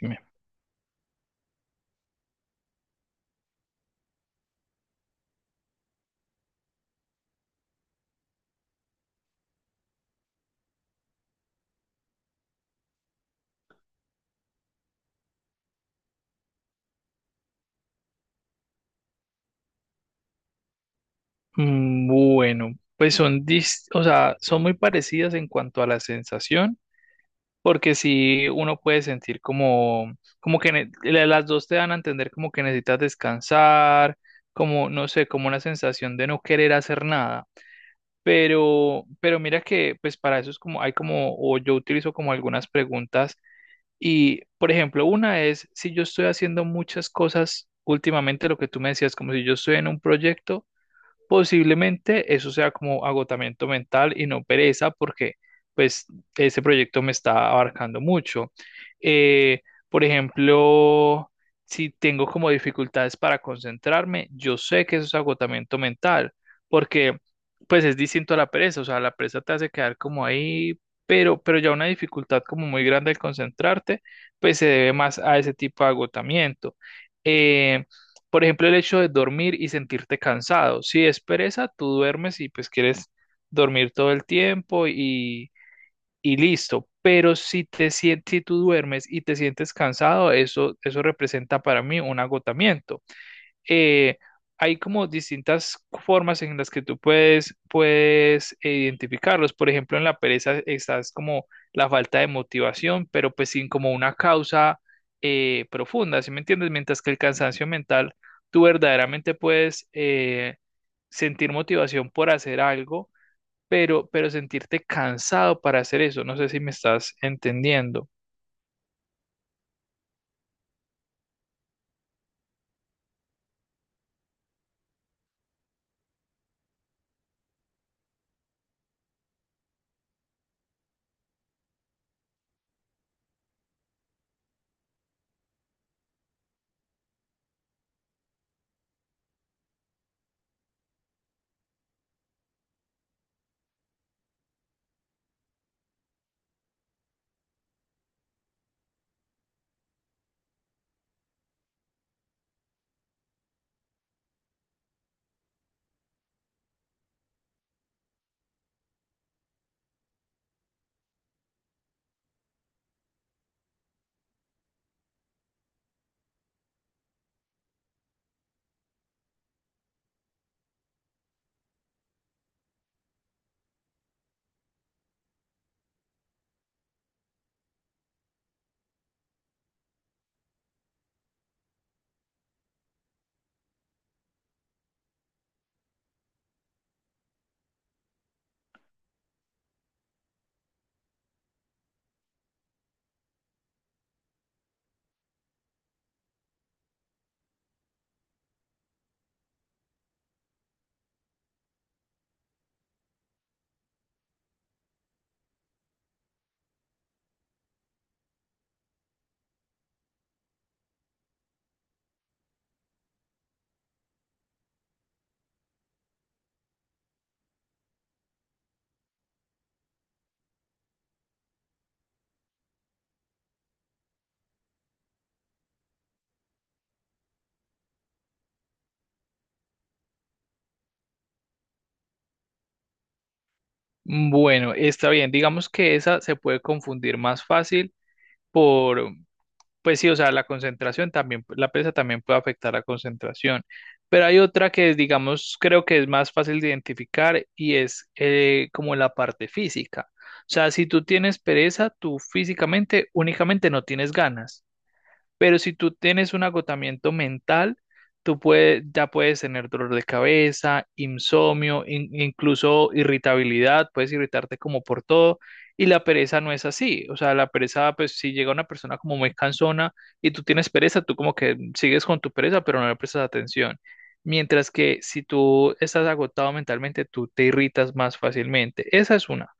Dime. Bueno, pues son, o sea, son muy parecidas en cuanto a la sensación, porque si uno puede sentir como, como que las dos te dan a entender como que necesitas descansar, como, no sé, como una sensación de no querer hacer nada. Pero mira que, pues para eso es como, hay como, o yo utilizo como algunas preguntas y, por ejemplo, una es si yo estoy haciendo muchas cosas últimamente, lo que tú me decías, como si yo estoy en un proyecto. Posiblemente eso sea como agotamiento mental y no pereza, porque pues ese proyecto me está abarcando mucho. Eh, por ejemplo, si tengo como dificultades para concentrarme, yo sé que eso es agotamiento mental, porque pues es distinto a la pereza, o sea, la pereza te hace quedar como ahí, pero ya una dificultad como muy grande al concentrarte, pues se debe más a ese tipo de agotamiento. Eh, por ejemplo, el hecho de dormir y sentirte cansado. Si es pereza, tú duermes y pues quieres dormir todo el tiempo y listo. Pero si te sientes, si tú duermes y te sientes cansado, eso representa para mí un agotamiento. eh, hay como distintas formas en las que tú puedes, puedes identificarlos. Por ejemplo, en la pereza estás como la falta de motivación, pero pues sin como una causa profunda, ¿sí me entiendes? Mientras que el cansancio mental, tú verdaderamente puedes sentir motivación por hacer algo, pero sentirte cansado para hacer eso. No sé si me estás entendiendo. Bueno, está bien. Digamos que esa se puede confundir más fácil por, pues sí, o sea, la concentración también, la pesa también puede afectar la concentración, pero hay otra que, digamos, creo que es más fácil de identificar y es como la parte física. O sea, si tú tienes pereza, tú físicamente únicamente no tienes ganas. Pero si tú tienes un agotamiento mental, tú puedes, ya puedes tener dolor de cabeza, insomnio, incluso irritabilidad, puedes irritarte como por todo. Y la pereza no es así. O sea, la pereza, pues si llega una persona como muy cansona y tú tienes pereza, tú como que sigues con tu pereza, pero no le prestas atención. Mientras que si tú estás agotado mentalmente, tú te irritas más fácilmente. Esa es una.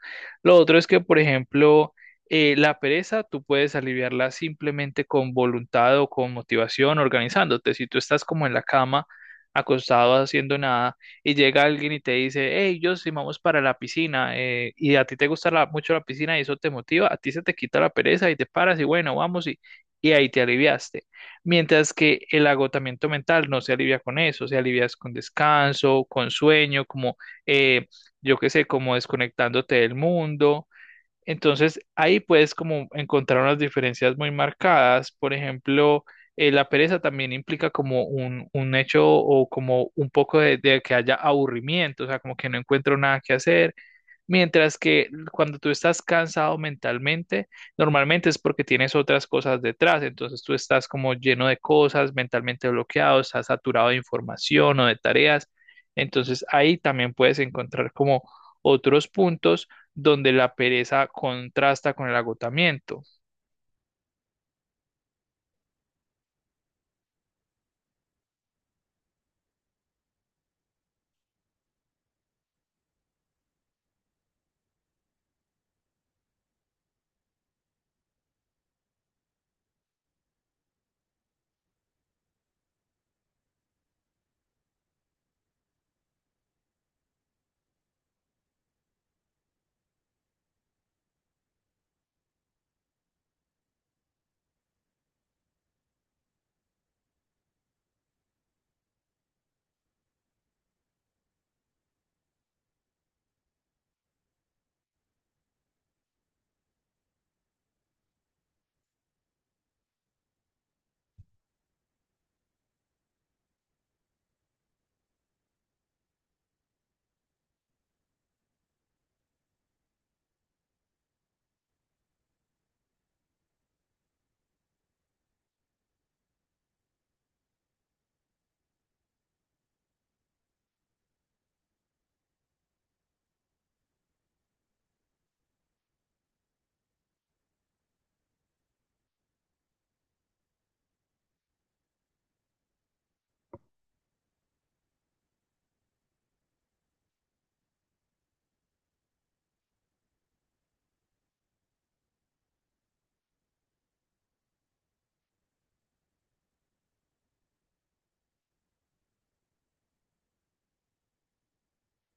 Lo otro es que, por ejemplo, la pereza tú puedes aliviarla simplemente con voluntad o con motivación, organizándote. Si tú estás como en la cama, acostado, haciendo nada, y llega alguien y te dice, hey, yo sí vamos para la piscina, y a ti te gusta mucho la piscina y eso te motiva, a ti se te quita la pereza y te paras y bueno, vamos y ahí te aliviaste. Mientras que el agotamiento mental no se alivia con eso, se alivia con descanso, con sueño, como, eh, yo qué sé, como desconectándote del mundo. Entonces ahí puedes como encontrar unas diferencias muy marcadas. Por ejemplo, la pereza también implica como un hecho o como un poco de que haya aburrimiento, o sea, como que no encuentro nada que hacer. Mientras que cuando tú estás cansado mentalmente, normalmente es porque tienes otras cosas detrás, entonces tú estás como lleno de cosas, mentalmente bloqueado, estás saturado de información o de tareas, entonces ahí también puedes encontrar como otros puntos donde la pereza contrasta con el agotamiento.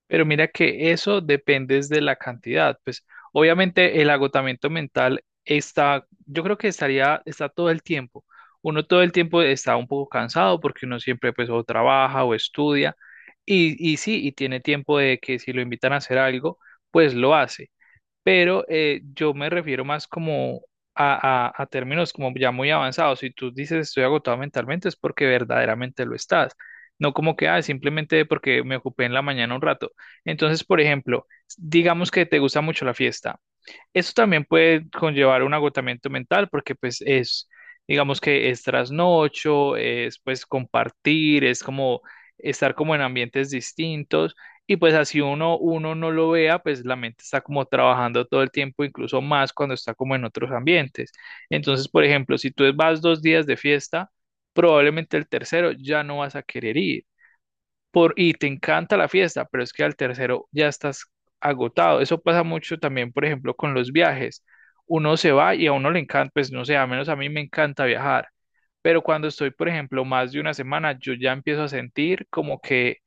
Pero mira que eso depende es de la cantidad. Pues obviamente el agotamiento mental está, yo creo que estaría, está todo el tiempo. Uno todo el tiempo está un poco cansado porque uno siempre pues o trabaja o estudia y sí, y tiene tiempo de que si lo invitan a hacer algo, pues lo hace, pero yo me refiero más como a, a términos como ya muy avanzados. Si tú dices estoy agotado mentalmente es porque verdaderamente lo estás, no como que ah, simplemente porque me ocupé en la mañana un rato. Entonces, por ejemplo, digamos que te gusta mucho la fiesta. Eso también puede conllevar un agotamiento mental porque pues es, digamos que es trasnocho, es pues compartir, es como estar como en ambientes distintos y pues así uno, uno no lo vea, pues la mente está como trabajando todo el tiempo, incluso más cuando está como en otros ambientes. Entonces, por ejemplo, si tú vas 2 días de fiesta, probablemente el tercero ya no vas a querer ir por, y te encanta la fiesta, pero es que al tercero ya estás agotado. Eso pasa mucho también, por ejemplo, con los viajes. Uno se va y a uno le encanta, pues no sé, a menos a mí me encanta viajar, pero cuando estoy, por ejemplo, más de 1 semana, yo ya empiezo a sentir como que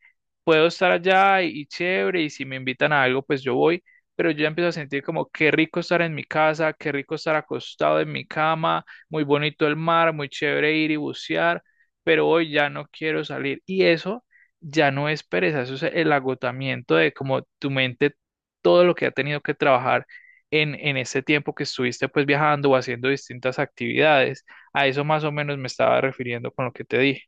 puedo estar allá y chévere, y si me invitan a algo, pues yo voy, pero yo ya empiezo a sentir como qué rico estar en mi casa, qué rico estar acostado en mi cama, muy bonito el mar, muy chévere ir y bucear, pero hoy ya no quiero salir. Y eso ya no es pereza, eso es el agotamiento de como tu mente, todo lo que ha tenido que trabajar en ese tiempo que estuviste pues viajando o haciendo distintas actividades. A eso más o menos me estaba refiriendo con lo que te dije.